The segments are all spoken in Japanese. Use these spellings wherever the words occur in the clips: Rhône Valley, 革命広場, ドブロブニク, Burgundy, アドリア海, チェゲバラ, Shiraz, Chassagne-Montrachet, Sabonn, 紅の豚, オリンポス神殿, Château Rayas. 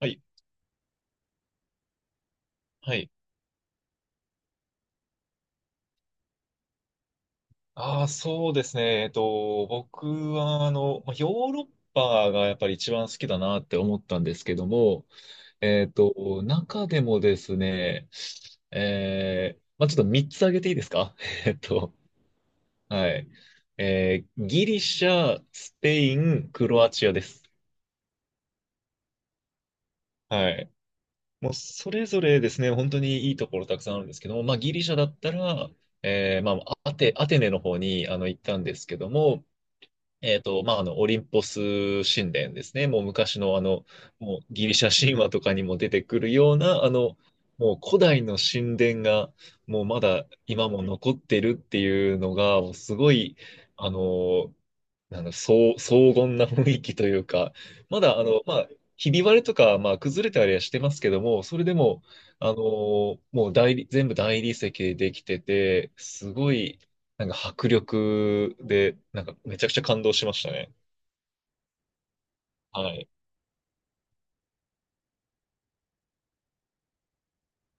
はい。はい。ああ、そうですね。僕は、まあヨーロッパがやっぱり一番好きだなって思ったんですけども、中でもですね、まあ、ちょっと3つ挙げていいですか？ えっと、はい。ギリシャ、スペイン、クロアチアです。はい。もうそれぞれですね、本当にいいところたくさんあるんですけども、まあ、ギリシャだったら、まあ、アテネの方に行ったんですけども、まあ、オリンポス神殿ですね。もう昔のもうギリシャ神話とかにも出てくるような、もう古代の神殿が、もうまだ今も残ってるっていうのが、もうすごい、あの、そう荘厳な雰囲気というか、まだ、まあ、ひび割れとか、まあ、崩れたりはしてますけども、それでも、あのーもう大理、全部大理石でできてて、すごいなんか迫力で、なんかめちゃくちゃ感動しましたね。はい。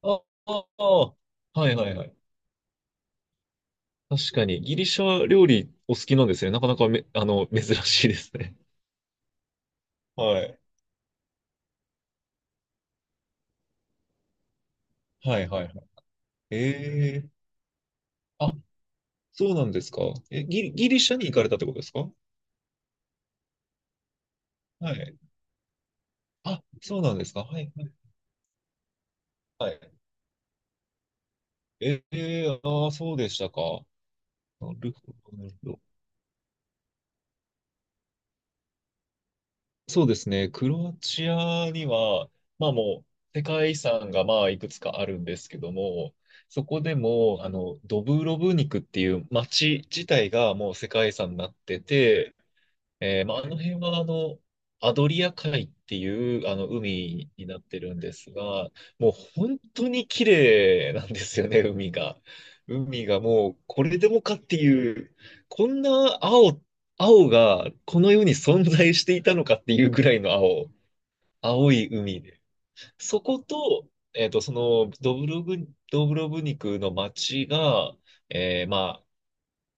あ、あ、あ、はいはいはい。確かに、ギリシャ料理お好きなんですね。なかなかめ、あの、珍しいですね。はい。はいはいはい。ええ、あ、そうなんですか。え、ギリシャに行かれたってことですか？はい。あ、そうなんですか。はい、はい、はい。ええ、ああー、そうでしたか。なるほど、なるほど。そうですね。クロアチアには、まあ世界遺産がまあいくつかあるんですけども、そこでも、ドブロブニクっていう街自体がもう世界遺産になってて、あの辺はアドリア海っていうあの海になってるんですが、もう本当に綺麗なんですよね、海が。海がもうこれでもかっていう、こんな青、青がこの世に存在していたのかっていうぐらいの青、青い海で。そこと、えっと、そのドブロブ、ドブロブニクの街が、えーま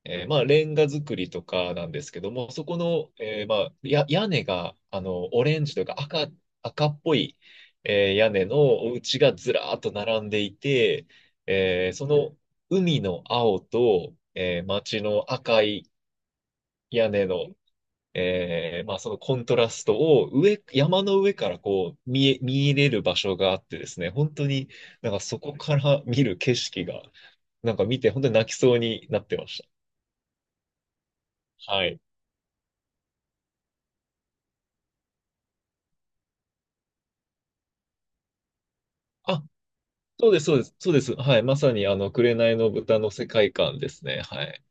レンガ作りとかなんですけども、そこの、屋根が、オレンジというか赤、赤っぽい、えー屋根のお家がずらーっと並んでいて、その海の青と、えー街の赤い屋根の、そのコントラストを山の上からこう見入れる場所があってですね、本当になんかそこから見る景色が、なんか見て本当に泣きそうになってました。はい。あ、そうです、そうです、そうです。はい。まさに、紅の豚の世界観ですね。はい。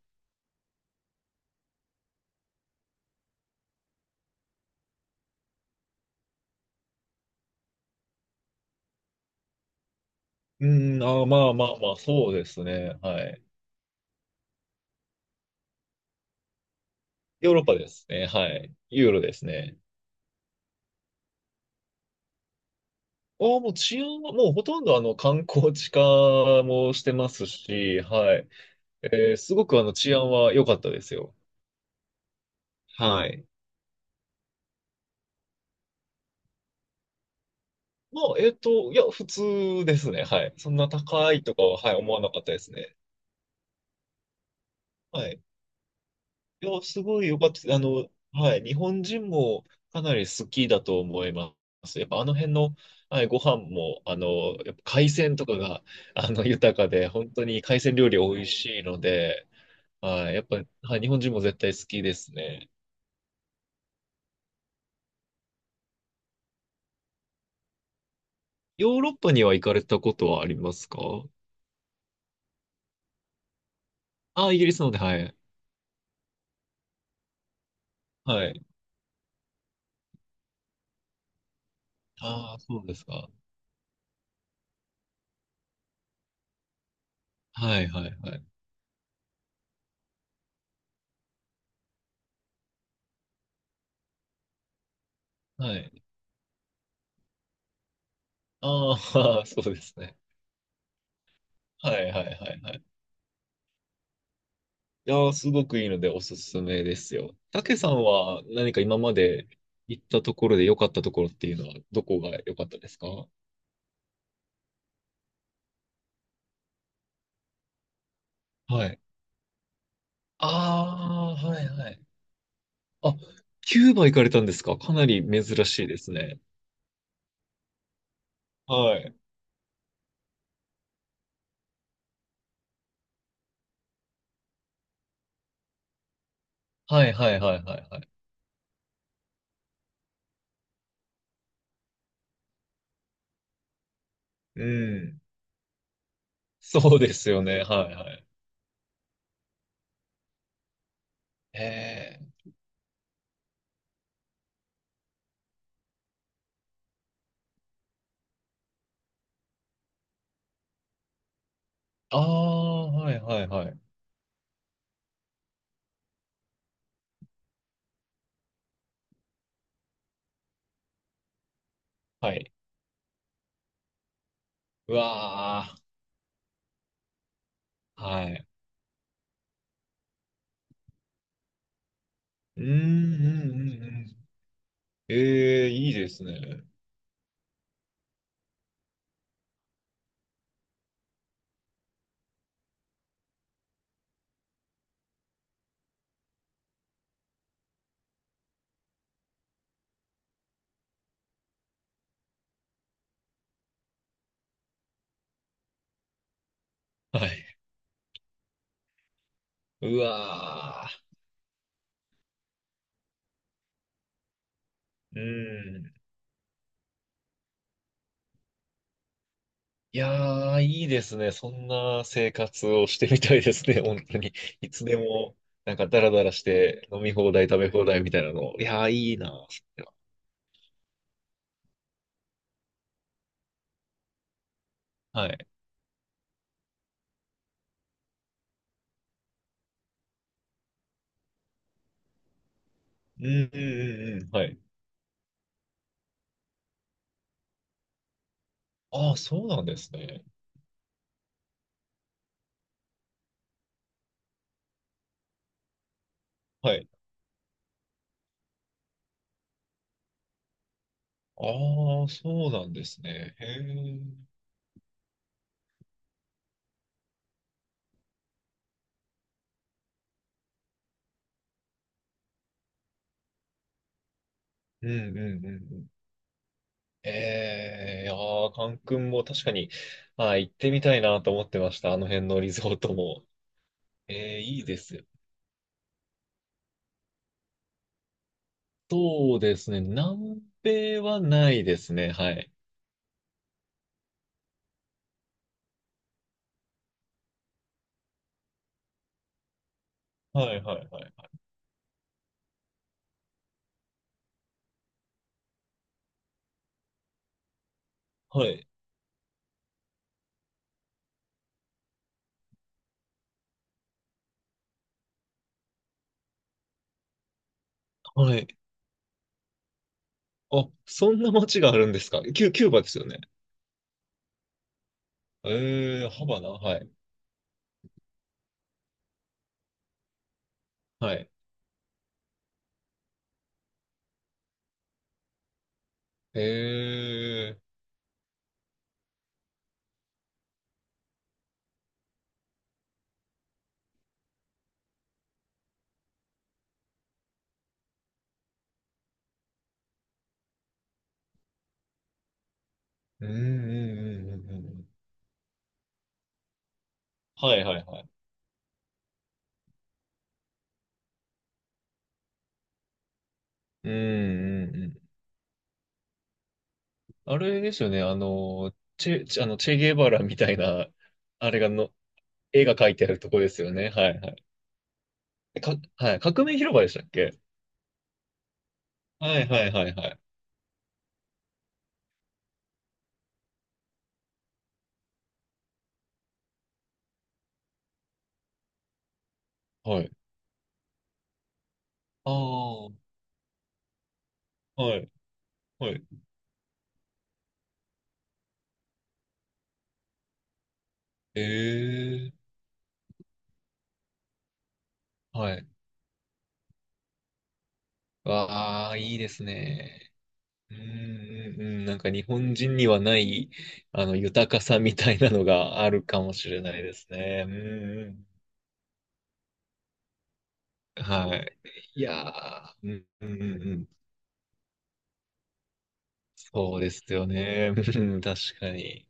うーん、あー、まあまあまあ、そうですね。はい。ヨーロッパですね。はい。ユーロですね。ああ、もう治安は、もうほとんど観光地化もしてますし、はい。すごく治安は良かったですよ。はい。まあ、いや、普通ですね。はい。そんな高いとかは、はい、思わなかったですね。はい。いや、すごい良かったです。はい、日本人もかなり好きだと思います。やっぱあの辺の、はい、ご飯も、やっぱ海鮮とかが、豊かで、本当に海鮮料理美味しいので、はい、やっぱ、はい、日本人も絶対好きですね。ヨーロッパには行かれたことはありますか？あ、イギリスので、はい。はい。ああ、そうですか。はい、はい、はい。はい。ああ、そうですね。はい、はい、はい、はい。いやー、すごくいいのでおすすめですよ。たけさんは何か今まで行ったところで良かったところっていうのはどこが良かったですか？はい。ああ、はいはい。あ、キューバ行かれたんですか？かなり珍しいですね。はい。はいはいはいはいはい。うん。そうですよね。はいはい。ええ。ああ、はいはいはい。はい。うわあ、はい。うん、うん、うん、うん。ええ、いいですね。はい。うわー。うん。いやー、いいですね。そんな生活をしてみたいですね。本当に。いつでも、なんかダラダラして飲み放題、食べ放題みたいなの。いやー、いいな。それははい。うんうんうんうん。はい。ああ、そうなんですね。はい。ああ、そうなんですね。へえ。うんうんうんうん。ええ、いやー、カン君も確かに、あー行ってみたいなと思ってました。あの辺のリゾートも。ええ、いいですよね。そうですね。南米はないですね。はい。はいはいはい。はい。はい。あ、そんな街があるんですか？キューバですよね。えー、ハバナはい。はい。えー、うんうんうんうんうん。はいはいはい。うんうんうん。あれですよね。あの、チェ、チェあの、チェゲバラみたいな、あれがの、絵が描いてあるとこですよね。はいはい。えか、はい。革命広場でしたっけ？はいはいはいはい。はい。ああ、はい。はい、ええ、はい。わあ、いいですね。うんうんうん。なんか日本人にはない、豊かさみたいなのがあるかもしれないですね。うんうん。はい。いやー、うんうんうんうん。そうですよね。うん、確かに。